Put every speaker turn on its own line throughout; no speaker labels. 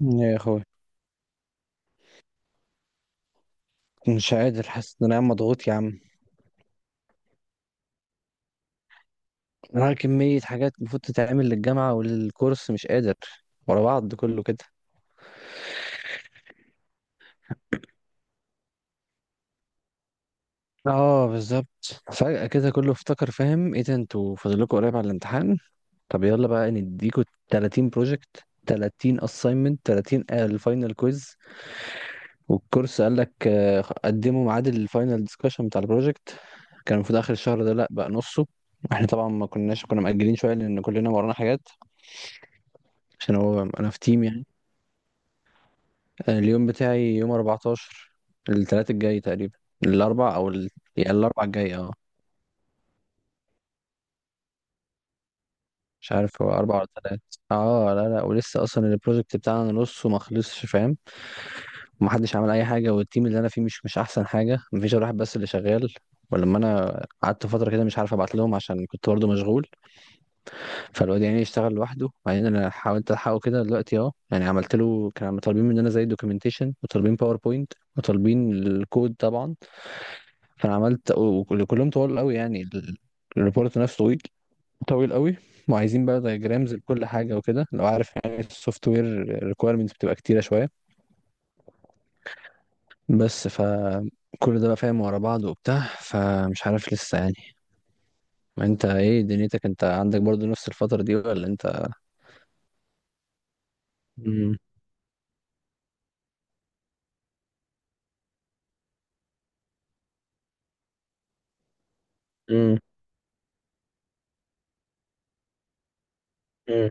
يا اخوي، مش قادر، حاسس ان انا عم مضغوط يا عم. انا كمية حاجات المفروض تتعمل للجامعة وللكورس، مش قادر، ورا بعض كله كده. اه، بالظبط، فجأة كده كله افتكر، فاهم ايه ده، انتوا فاضل لكم قريب على الامتحان. طب يلا بقى نديكوا 30 بروجكت، 30 assignment، 30 الفاينل كويز. والكورس قال لك آه، قدموا ميعاد الفاينل ديسكشن بتاع البروجكت. كان المفروض اخر الشهر ده، لا بقى نصه. احنا طبعا ما كناش كنا مأجلين شويه لان كلنا ورانا حاجات. عشان هو انا في تيم يعني. اليوم بتاعي يوم 14، التلات الجاي تقريبا، الاربع او يعني الاربع الجاي، اه. مش عارف هو اربع ولا تلات. اه، لا لا، ولسه اصلا البروجكت بتاعنا نصه ما خلصش، فاهم. ومحدش عمل اي حاجه، والتيم اللي انا فيه مش احسن حاجه، مفيش غير واحد بس اللي شغال. ولما انا قعدت فتره كده مش عارف ابعت لهم عشان كنت برضه مشغول. فالواد يعني يشتغل لوحده. بعدين انا حاولت الحقه كده دلوقتي اهو، يعني عملت له، كانوا طالبين مننا زي دوكيومنتيشن وطالبين باوربوينت وطالبين الكود طبعا. فانا عملت وكلهم طوال قوي، يعني الريبورت نفسه طويل، طويل قوي. وعايزين بقى دايجرامز لكل حاجه وكده، لو عارف يعني السوفت وير ريكويرمنتس بتبقى كتيره شويه. بس فكل ده بقى، فاهم، ورا بعض وبتاع، فمش عارف لسه يعني. ما انت ايه دنيتك، انت عندك برضو نفس الفتره دي ولا انت؟ مم. مم. مم.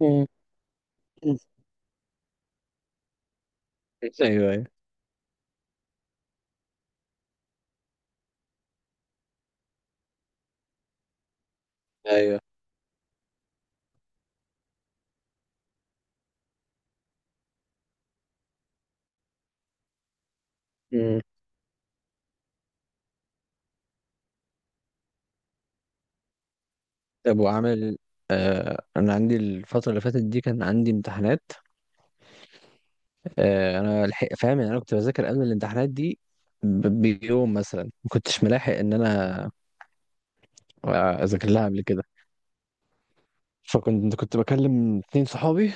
مم. مم. ايوه، ايوه، ايوه. مم. طب وعامل. انا عندي الفتره اللي فاتت دي كان عندي امتحانات. آه، انا الحق فاهم، يعني انا كنت بذاكر قبل الامتحانات دي بيوم مثلا، ما كنتش ملاحق ان انا اذاكر لها قبل كده. فكنت كنت بكلم اتنين صحابي،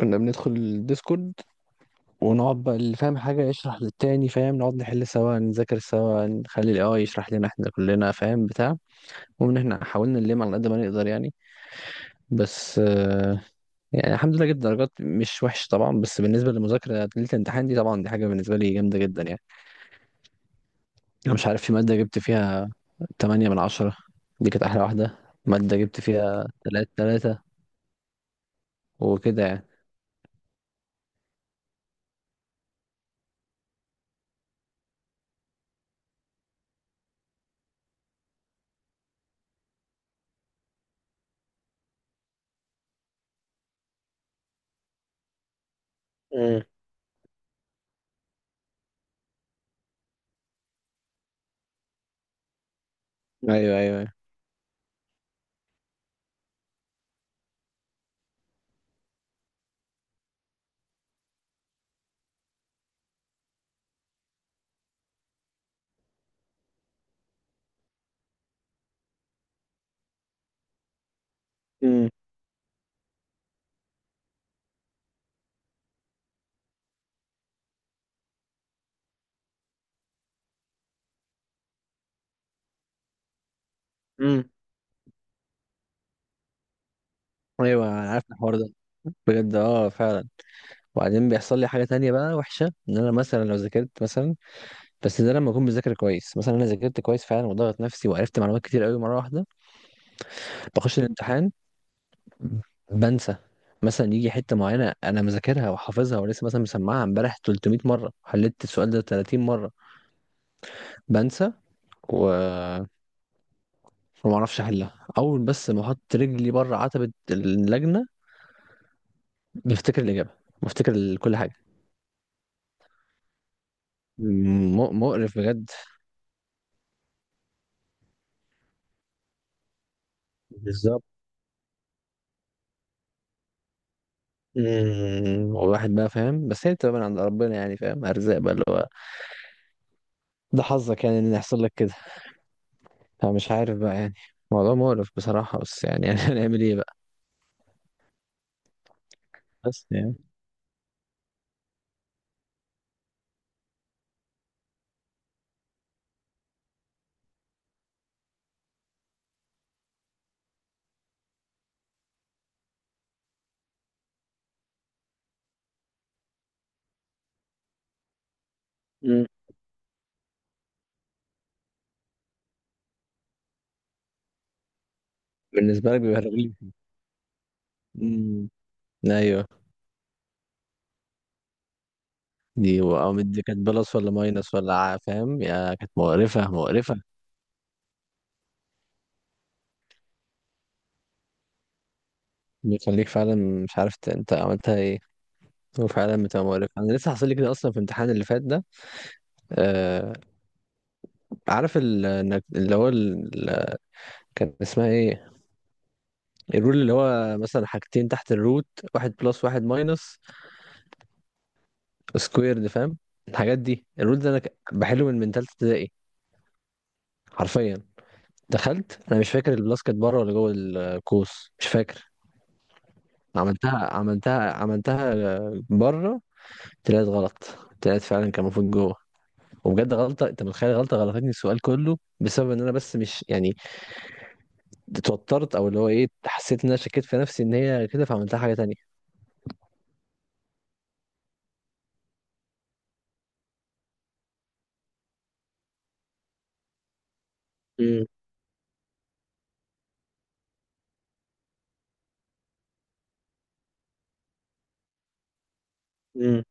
كنا بندخل الديسكورد، ونقعد بقى اللي فاهم حاجة يشرح للتاني، فاهم، نقعد نحل سوا، نذاكر سوا، نخلي الاي اي يشرح لنا احنا كلنا، فاهم بتاع. ومن هنا حاولنا نلم على قد ما نقدر يعني. بس يعني الحمد ليله جبت درجات مش وحش طبعا، بس بالنسبة للمذاكرة ليلة الامتحان دي طبعا، دي حاجة بالنسبة لي جامدة جدا يعني. انا مش عارف في مادة جبت فيها 8/10، دي كانت احلى واحدة. مادة جبت فيها تلاتة تلاتة وكده يعني. امم. ايوه، ايوه، ايوه. امم. امم. ايوه. انا عارف الحوار ده، بجد، اه، فعلا. وبعدين بيحصل لي حاجة تانية بقى وحشة، ان انا مثلا لو ذاكرت مثلا، بس ده لما اكون بذاكر كويس، مثلا انا ذاكرت كويس فعلا وضغط نفسي وعرفت معلومات كتير قوي مرة واحدة، بخش الامتحان، بنسى. مثلا يجي حته معينه انا مذاكرها وحافظها ولسه مثلا مسمعها امبارح 300 مره، حليت السؤال ده 30 مره، بنسى، و وما اعرفش احلها. اول بس ما احط رجلي بره عتبة اللجنة، بفتكر الإجابة، بفتكر كل حاجة. مقرف بجد. بالظبط. امم، والواحد بقى فاهم بس هي بتبقى من عند ربنا، يعني فاهم، ارزاق بقى، اللي هو ده حظك يعني ان يحصل لك كده. فمش عارف بقى يعني، موضوع مقرف بصراحة، بس يعني يعني هنعمل ايه بقى. بس يعني. مم. بالنسبة لك بيبقى رجلي. امم. ايوه. دي او دي، كانت بلس ولا ماينس ولا فاهم، يا كانت مقرفة مقرفة. بيخليك فعلا مش عارف انت عملتها ايه. هو فعلا بتبقى مقرف، انا لسه حاصل لي كده اصلا في الامتحان اللي فات ده. آه، عارف انك اللي هو كان اسمها ايه، الرول اللي هو مثلا حاجتين تحت الروت، واحد بلس واحد ماينس سكويرد، فاهم، الحاجات دي. الرول ده انا بحله من تالتة ابتدائي، حرفيا. دخلت، انا مش فاكر البلس كانت بره ولا جوه القوس، مش فاكر. عملتها عملتها عملتها، آه، بره. طلعت غلط، طلعت فعلا كان المفروض جوه. وبجد غلطه، انت متخيل غلطه غلطتني السؤال كله، بسبب ان انا، بس مش يعني، اتوترت، او اللي هو ايه، حسيت ان انا شكيت في نفسي ان هي كده فعملتها حاجه تانية. مم. مم.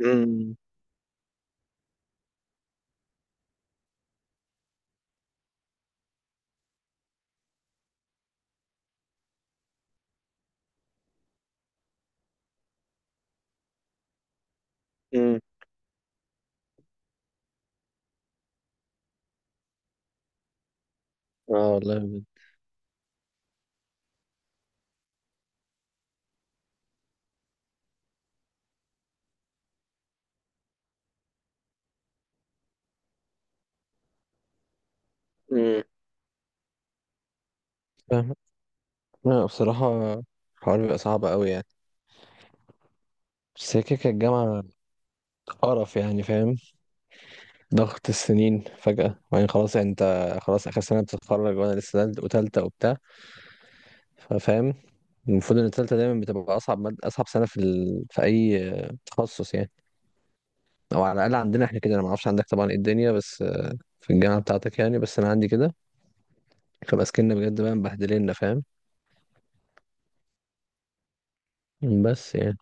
مم. مم. اه والله بجد. مم. فاهم. لا بصراحه، الحوار بيبقى صعب قوي يعني. بس هي كده كده الجامعه قرف يعني، فاهم، ضغط السنين فجاه. وبعدين خلاص يعني، انت خلاص اخر سنه بتتخرج، وانا لسه وتالته وبتاع، فاهم. المفروض ان التالته دايما بتبقى اصعب مادة، اصعب سنه في اي تخصص يعني، او على الاقل عندنا احنا كده. انا ما اعرفش عندك طبعا ايه الدنيا، بس في الجامعه بتاعتك يعني، بس انا عندي كده. فبقى سكننا بجد بقى مبهدلنا، فاهم. بس يعني.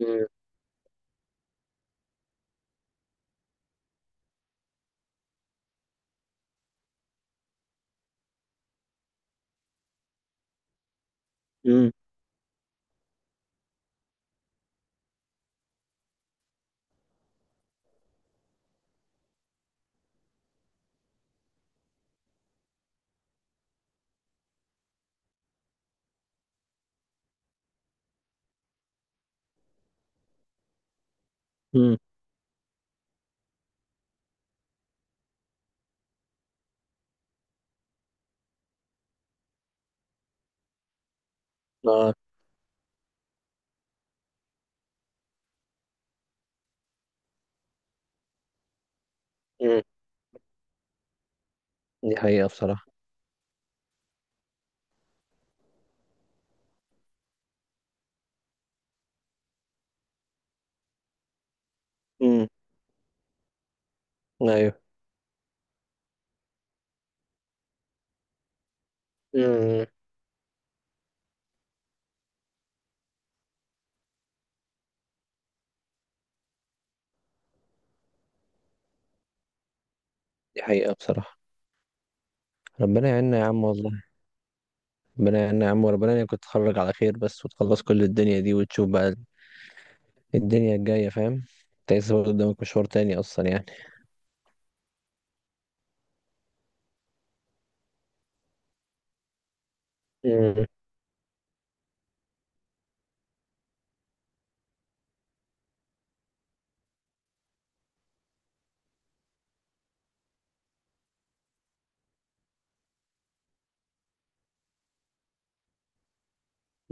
امم. امم. امم. اه. امم. دي حقيقه بصراحه. امم. ايوه. امم. دي حقيقه بصراحه. ربنا يعيننا يا عم والله. ربنا يعيننا يا عم، وربنا يعينك تتخرج على خير بس، وتخلص كل الدنيا دي وتشوف بقى الدنيا الجايه، فاهم. انت لسه برضه قدامك مشوار تاني اصلا يعني. امم.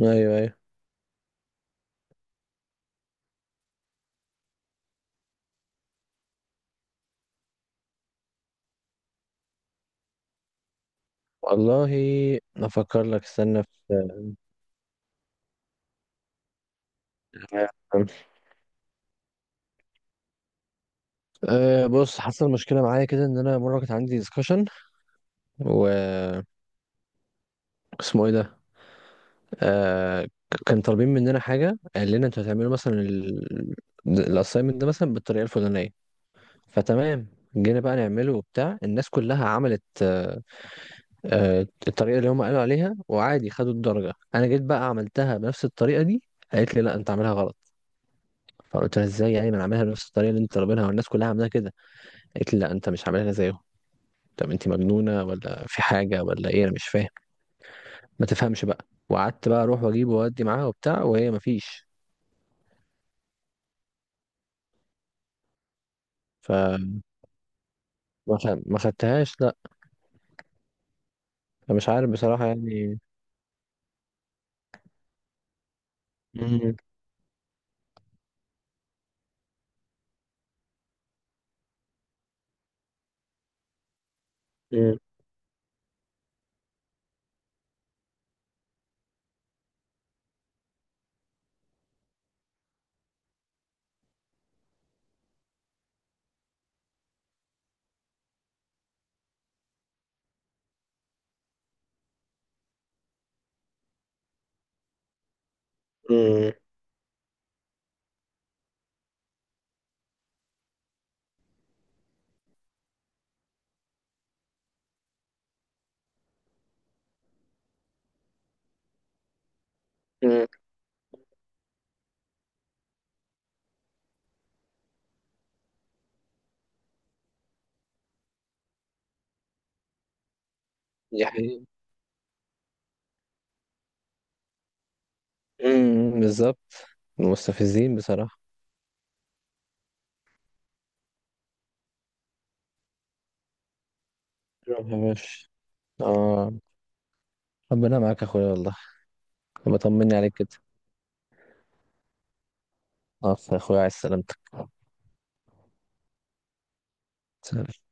ايوه، ايوه. والله افكر لك، استنى. في، أه، بص، حصل مشكلة معايا كده. إن أنا مرة كانت عندي ديسكشن و اسمه إيه ده؟ أه كان طالبين مننا حاجة. قال لنا أنتوا هتعملوا مثلا الأسايمنت ده مثلا بالطريقة الفلانية. فتمام، جينا بقى نعمله وبتاع، الناس كلها عملت أه آه، الطريقة اللي هم قالوا عليها، وعادي خدوا الدرجة. أنا جيت بقى عملتها بنفس الطريقة دي، قالت لي لا أنت عاملها غلط. فقلت لها إزاي يعني، ما أنا عاملها بنفس الطريقة اللي أنت طالبينها والناس كلها عاملاها كده. قالت لي لا أنت مش عاملها زيهم. طب أنت مجنونة ولا في حاجة ولا إيه، أنا مش فاهم. ما تفهمش بقى، وقعدت بقى اروح واجيب واودي معاها وبتاع، وهي ما فيش. ف ما خدتهاش لا. فمش عارف بصراحة يعني. مم. مم. مم. مم. دي حقيقة. مم. بالظبط. مستفزين بصراحة. روح يا باشا. اه. ربنا معاك يا اخويا والله. بطمني عليك كده. اه يا اخويا، عايز سلامتك. سلام.